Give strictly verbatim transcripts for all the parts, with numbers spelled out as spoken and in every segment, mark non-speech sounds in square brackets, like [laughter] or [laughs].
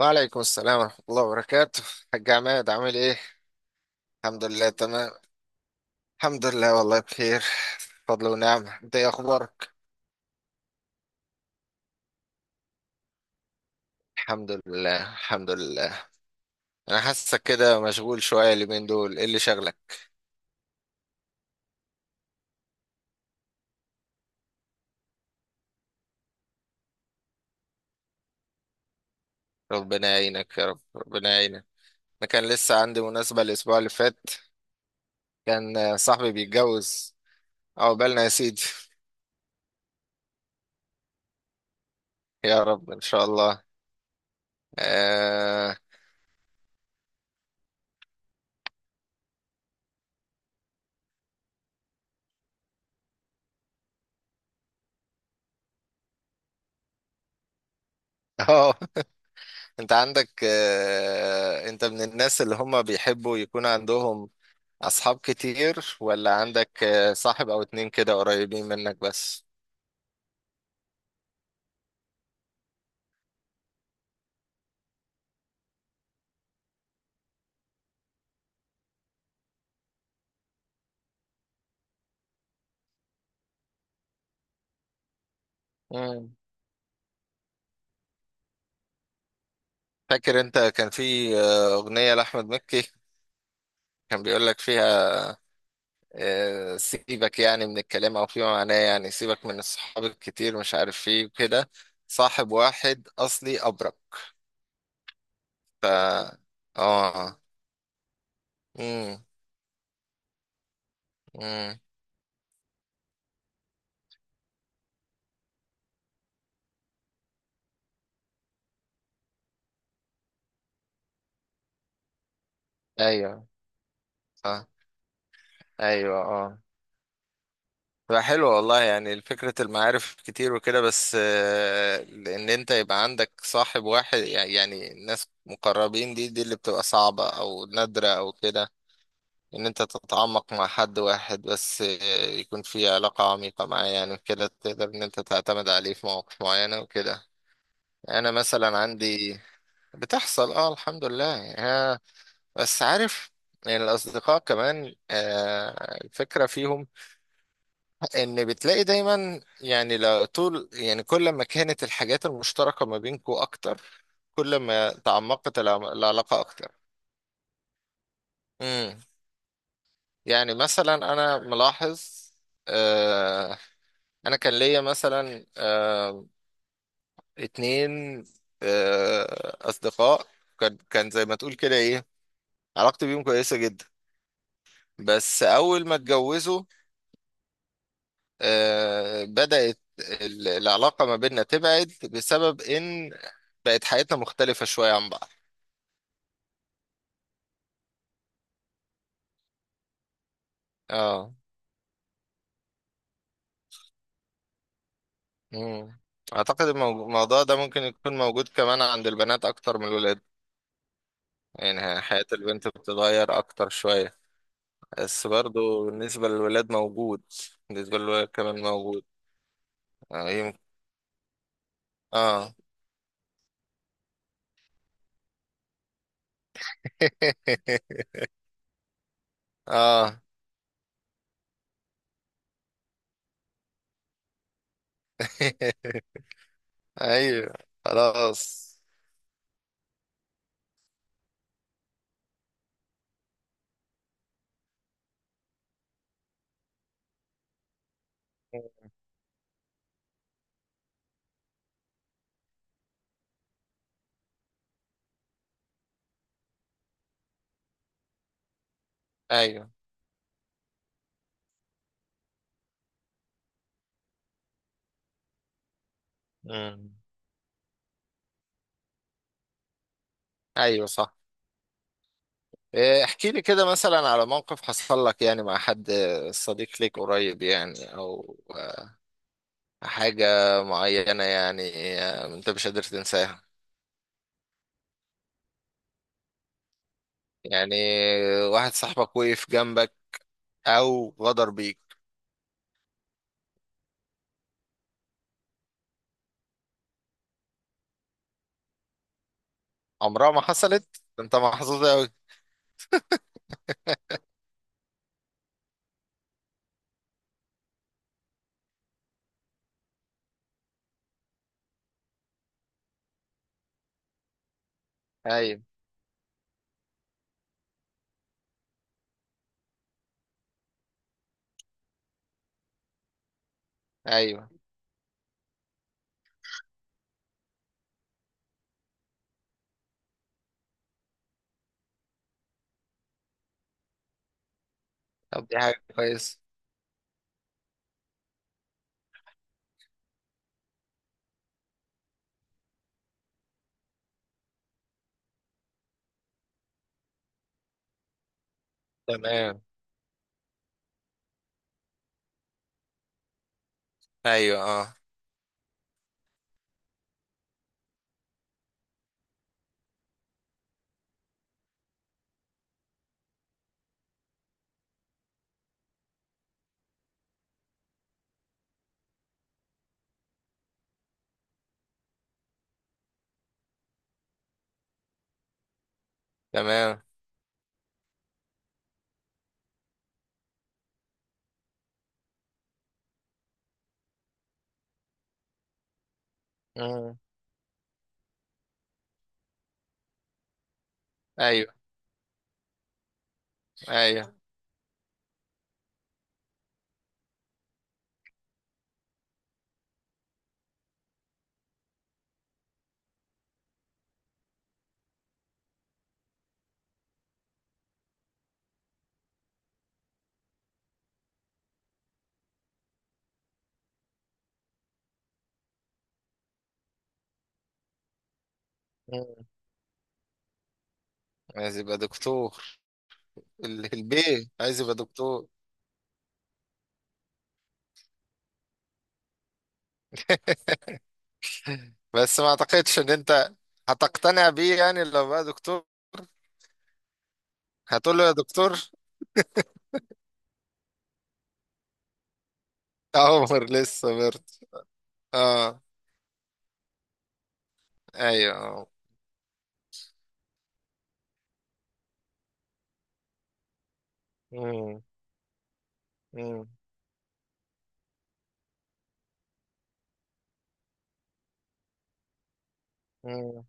وعليكم السلام ورحمة الله وبركاته. حاج عماد عامل ايه؟ الحمد لله تمام. الحمد لله والله بخير، فضل ونعمة. انت ايه اخبارك؟ الحمد لله الحمد لله. انا حاسك كده مشغول شوية اليومين دول، ايه اللي شغلك؟ ربنا يعينك يا رب، ربنا يعينك. انا كان لسه عندي مناسبة الاسبوع اللي فات، كان آه، صاحبي بيتجوز. عقبالنا يا سيدي. يا رب ان شاء الله. اه. [laughs] آه، انت عندك آه، انت من الناس اللي هم بيحبوا يكون عندهم أصحاب كتير، ولا عندك آه، صاحب أو اتنين كده قريبين منك بس؟ مم. فاكر أنت كان في آه، أغنية لأحمد مكي، كان بيقول لك فيها آه، سيبك، يعني من الكلام أو فيما معناه، يعني سيبك من الصحاب الكتير مش عارف فيه كده، صاحب واحد أصلي أبرك. ف آه. مم. مم. أيوه صح. أيوه آه. لا حلو والله، يعني فكرة المعارف كتير وكده، بس آه، ان انت يبقى عندك صاحب واحد، يعني يعني ناس مقربين، دي دي اللي بتبقى صعبة او نادرة او كده. ان انت تتعمق مع حد واحد بس آه، يكون في علاقة عميقة معاه، يعني كده تقدر ان انت تعتمد عليه في مواقف معينة وكده. انا مثلا عندي، بتحصل اه الحمد لله يعني آه، بس عارف. يعني الاصدقاء كمان آه، الفكرة فيهم ان بتلاقي دايما، يعني لو طول يعني كل ما كانت الحاجات المشتركة ما بينكو اكتر، كل ما تعمقت العم- العلاقة اكتر. امم. يعني مثلا انا ملاحظ آه، انا كان ليا مثلا آه اتنين آه اصدقاء، كان كان زي ما تقول كده ايه، علاقتي بيهم كويسة جدا، بس اول ما اتجوزوا آه، بدأت ال- العلاقة ما بيننا تبعد بسبب إن بقت حياتنا مختلفة شوية عن بعض. اه. مم. أعتقد الموضوع الموضوع ده ممكن يكون موجود كمان عند البنات أكتر من الولاد. يعني حياة البنت بتتغير أكتر شوية، بس برضو بالنسبة للولاد موجود، بالنسبة للولاد كمان موجود. آه يمكن. اه. [laughs] اه. [laughs] ايوه. خلاص. ايوه. مم. ايوه صح. إيه، احكي لي كده مثلا على موقف حصل لك يعني مع حد آه، صديق ليك قريب يعني او آه، حاجة معينة، يعني آه، انت مش قادر تنساها. يعني آه، واحد صاحبك وقف جنبك او غدر بيك. عمرها ما حصلت، انت محظوظ اوي. ايوه ايوه. طب دي حاجة كويسة. تمام. ايوه اه. تمام. مم. ايوه ايوه. مم. عايز يبقى دكتور. ال- البيه عايز يبقى دكتور. [laughs] بس ما اعتقدش ان انت هتقتنع بيه يعني لو بقى دكتور، هتقول له يا دكتور؟ [laughs] عمر لسه برد. اه. ايوه آه. مم، مم، مم.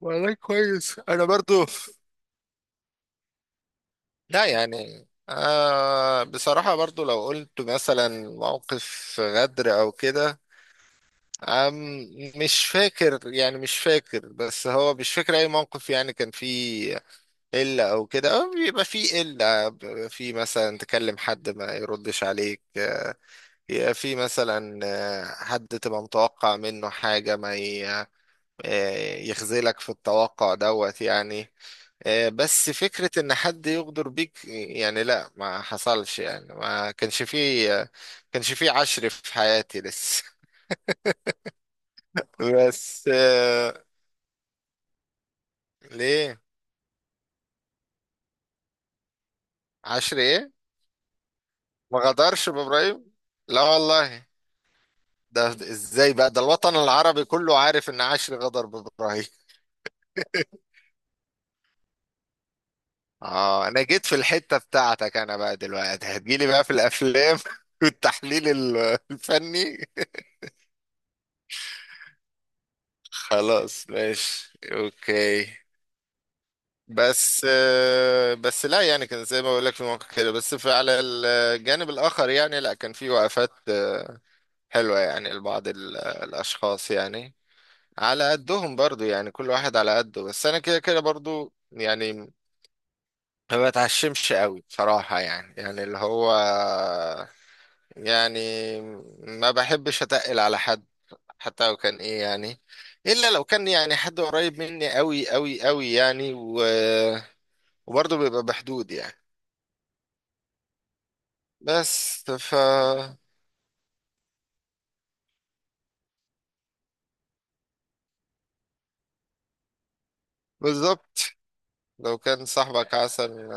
والله كويس انا برضو. لا يعني آه بصراحة برضو لو قلت مثلا موقف غدر او كده، أم، مش فاكر يعني، مش فاكر، بس هو مش فاكر اي موقف يعني كان فيه قلة أو كده، أو بيبقى في قلة بيبقى في مثلا تكلم حد ما يردش عليك آه، يبقى في مثلا آه، حد تبقى متوقع منه حاجة ما ي- آه، يخذلك في التوقع دوت يعني. آه، بس فكرة إن حد يغدر بيك، يعني لا ما حصلش يعني، ما كانش فيه آه، كانش فيه عشر في حياتي لسه. [laughs] بس آه، ليه؟ عشر إيه؟ ما غدرش بإبراهيم، لا والله. ده ازاي بقى، ده الوطن العربي كله عارف ان عاشر غدر بإبراهيم. [laughs] اه، انا جيت في الحتة بتاعتك، انا بقى دلوقتي هتجيلي بقى في الافلام [laughs] والتحليل ال- الفني. خلاص ماشي اوكي. بس آه، بس لا يعني كان زي ما بقول لك في مواقع كده، بس في على الجانب الاخر يعني لا كان في وقفات آه، حلوة يعني لبعض ال- الاشخاص يعني، على قدهم برضو، يعني كل واحد على قده. بس انا كده كده برضو يعني ما بتعشمش قوي بصراحة، يعني يعني اللي هو يعني ما بحبش اتقل على حد حتى لو كان ايه يعني، الا لو كان يعني حد قريب مني قوي قوي قوي يعني، و... وبرضه بيبقى بحدود يعني. بس ف بالظبط. لو كان صاحبك عسل.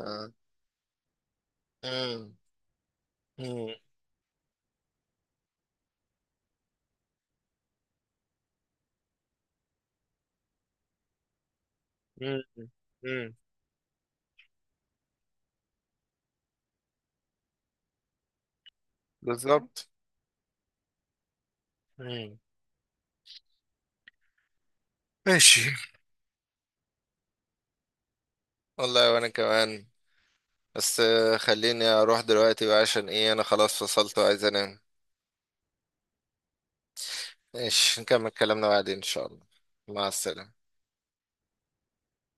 مم. مم. مم. مم. بالظبط. مم. ماشي. والله وانا كمان. بس آه، خليني اروح دلوقتي بقى عشان ايه انا خلاص فصلت وعايز انام. ماشي نكمل كلامنا بعدين ان شاء الله. مع السلامة.